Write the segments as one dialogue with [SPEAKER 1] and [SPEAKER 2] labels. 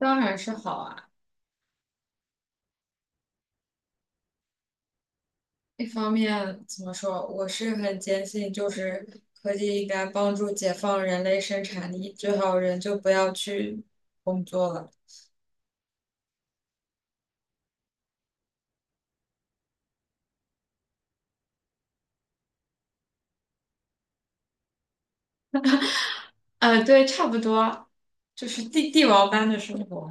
[SPEAKER 1] 当然是好啊。一方面怎么说，我是很坚信，就是科技应该帮助解放人类生产力，最好人就不要去工作了。对，差不多，就是帝王般的生活。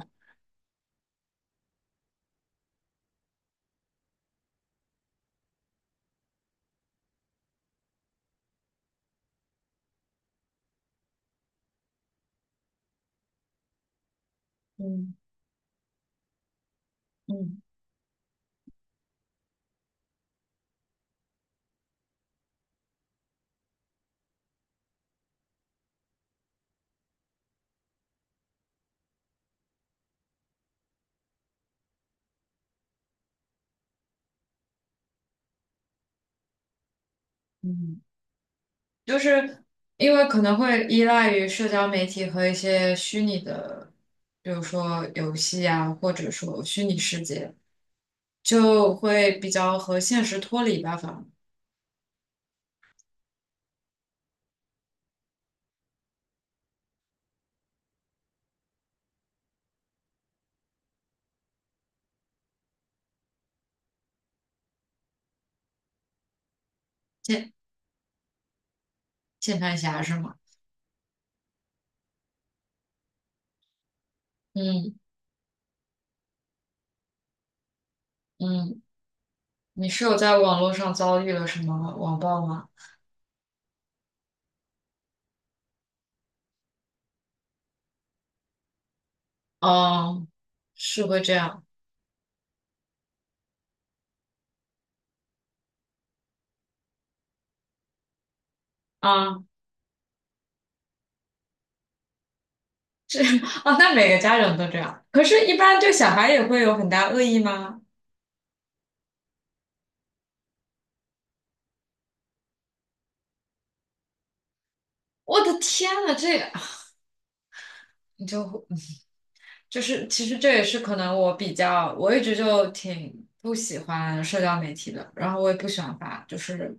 [SPEAKER 1] 嗯嗯嗯。就是因为可能会依赖于社交媒体和一些虚拟的，比如说游戏啊，或者说虚拟世界，就会比较和现实脱离吧，反正键键盘侠是吗？嗯嗯，你是有在网络上遭遇了什么网暴吗？哦，是会这样啊。啊，那每个家长都这样，可是，一般对小孩也会有很大恶意吗？我的天呐，这 你就 会。就是其实这也是可能我比较，我一直就挺不喜欢社交媒体的，然后我也不喜欢发，就是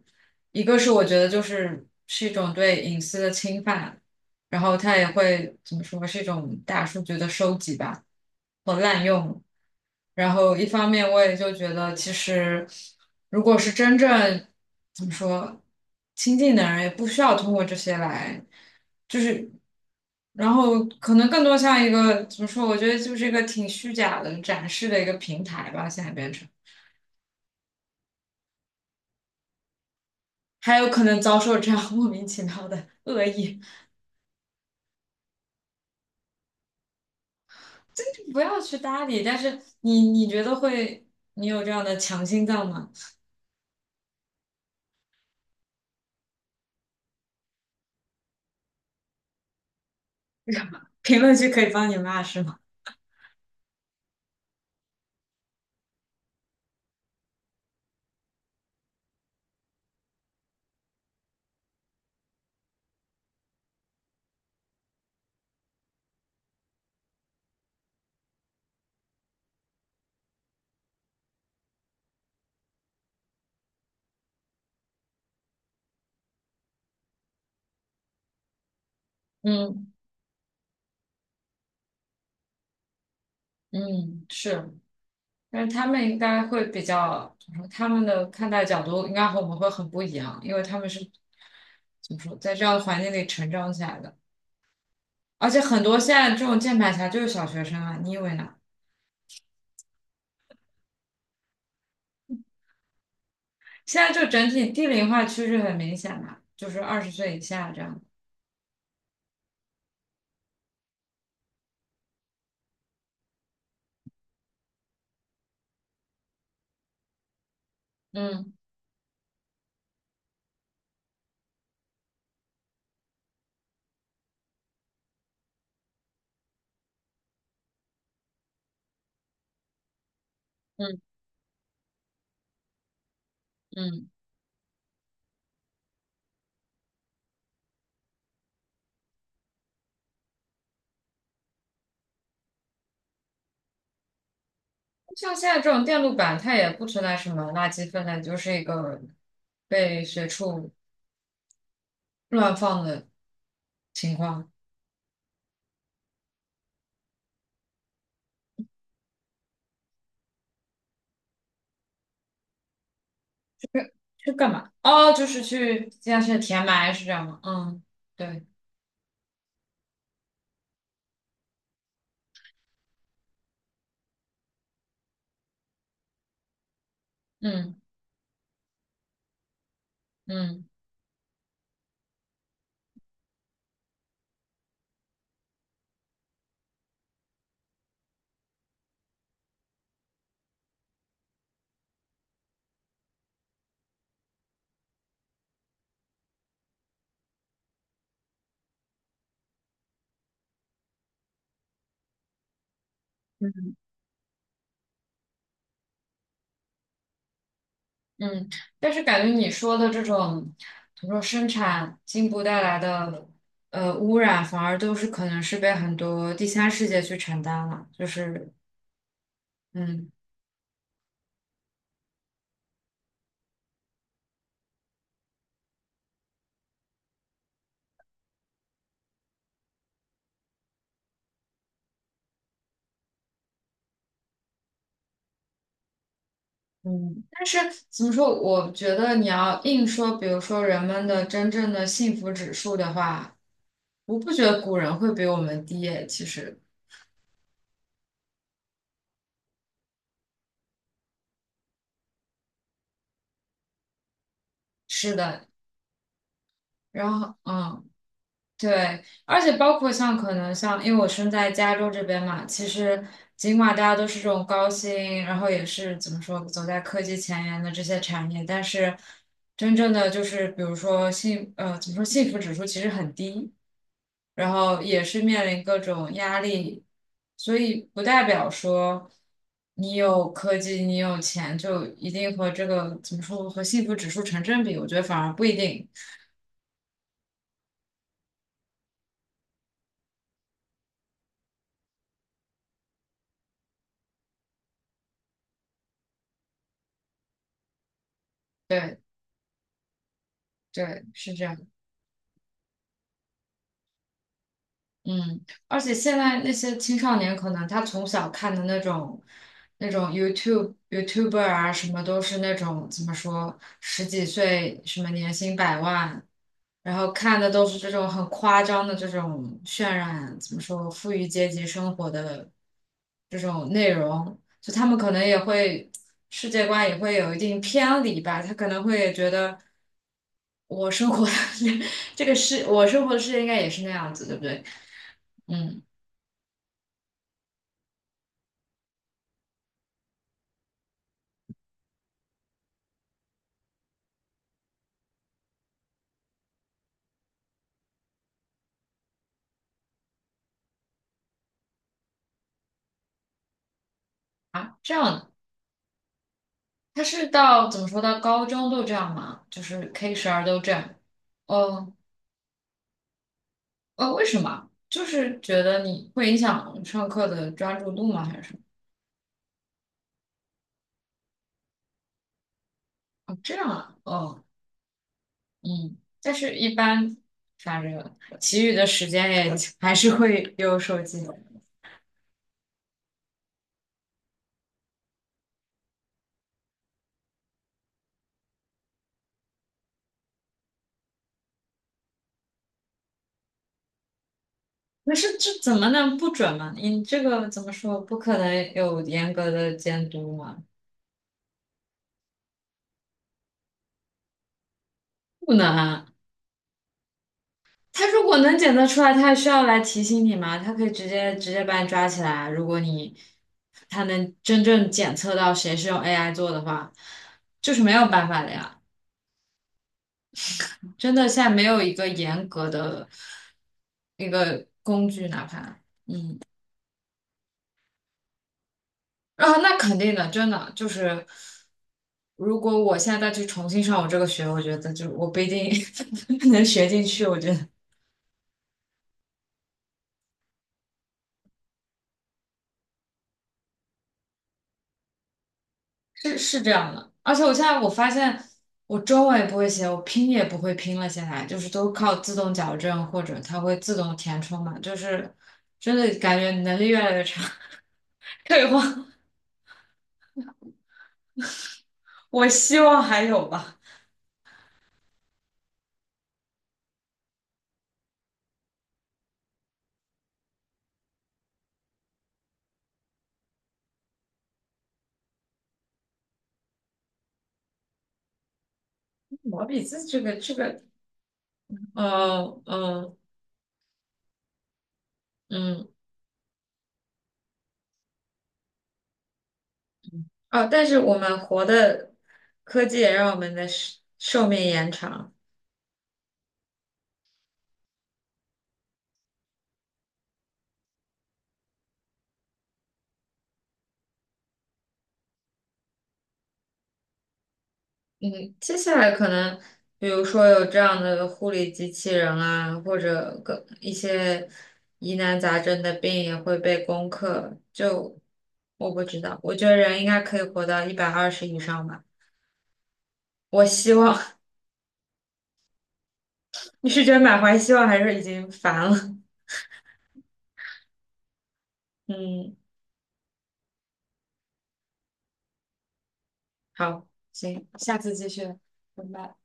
[SPEAKER 1] 一个是我觉得就是是一种对隐私的侵犯，然后它也会怎么说是一种大数据的收集吧和滥用，然后一方面我也就觉得其实如果是真正怎么说亲近的人，也不需要通过这些来。就是，然后可能更多像一个怎么说？我觉得就是一个挺虚假的展示的一个平台吧，现在变成，还有可能遭受这样 莫名其妙的恶意，真的不要去搭理。但是你觉得会，你有这样的强心脏吗？评论区可以帮你骂是吗？嗯嗯，是，但是他们应该会比较，怎么说他们的看待角度应该和我们会很不一样，因为他们是怎么说，在这样的环境里成长起来的。而且很多现在这种键盘侠就是小学生啊，你以为呢？现在就整体低龄化趋势很明显嘛，就是20岁以下这样。嗯嗯嗯。像现在这种电路板，它也不存在什么垃圾分类，就是一个被随处乱放的情况。去干嘛？哦，就是去现在是填埋是这样吗？嗯，对，嗯嗯。嗯，但是感觉你说的这种，比如说生产进步带来的污染，反而都是可能是被很多第三世界去承担了，就是嗯。嗯，但是怎么说？我觉得你要硬说，比如说人们的真正的幸福指数的话，我不觉得古人会比我们低耶。其实是的，然后嗯。对，而且包括像可能像，因为我身在加州这边嘛，其实尽管大家都是这种高薪，然后也是怎么说走在科技前沿的这些产业，但是真正的就是比如说怎么说幸福指数其实很低，然后也是面临各种压力，所以不代表说你有科技你有钱就一定和这个怎么说和幸福指数成正比，我觉得反而不一定。对对，是这样。嗯，而且现在那些青少年可能他从小看的那种 YouTube、YouTuber 啊，什么都是那种怎么说，十几岁什么年薪百万，然后看的都是这种很夸张的这种渲染，怎么说，富裕阶级生活的这种内容，就他们可能也会世界观也会有一定偏离吧，他可能会觉得我生活的 这个世，我生活的世界应该也是那样子，对不对？嗯。啊，这样的，他是到怎么说到高中都这样吗？就是 K12都这样？哦。哦，为什么？就是觉得你会影响上课的专注度吗？还是什么？哦，这样啊。哦，嗯，但是一般，反正其余的时间也还是会有手机。那是这怎么能不准嘛？你这个怎么说？不可能有严格的监督嘛？不能啊。他如果能检测出来，他还需要来提醒你吗？他可以直接把你抓起来。如果你他能真正检测到谁是用 AI 做的话，就是没有办法的呀。真的，现在没有一个严格的一个工具，哪怕啊，那肯定的，真的就是，如果我现在再去重新上我这个学，我觉得就我不一定 能学进去。我觉得，是是这样的，而且我现在我发现我中文也不会写，我拼也不会拼了，现在就是都靠自动矫正或者它会自动填充嘛，就是真的感觉能力越来越差，退化。我希望还有吧，毛笔字这个，嗯嗯。哦，但是我们活的科技也让我们的寿命延长。嗯，接下来可能，比如说有这样的护理机器人啊，或者更一些疑难杂症的病也会被攻克。就我不知道，我觉得人应该可以活到120以上吧。我希望 你是觉得满怀希望，还是已经烦了？嗯，好，行，下次继续，拜拜。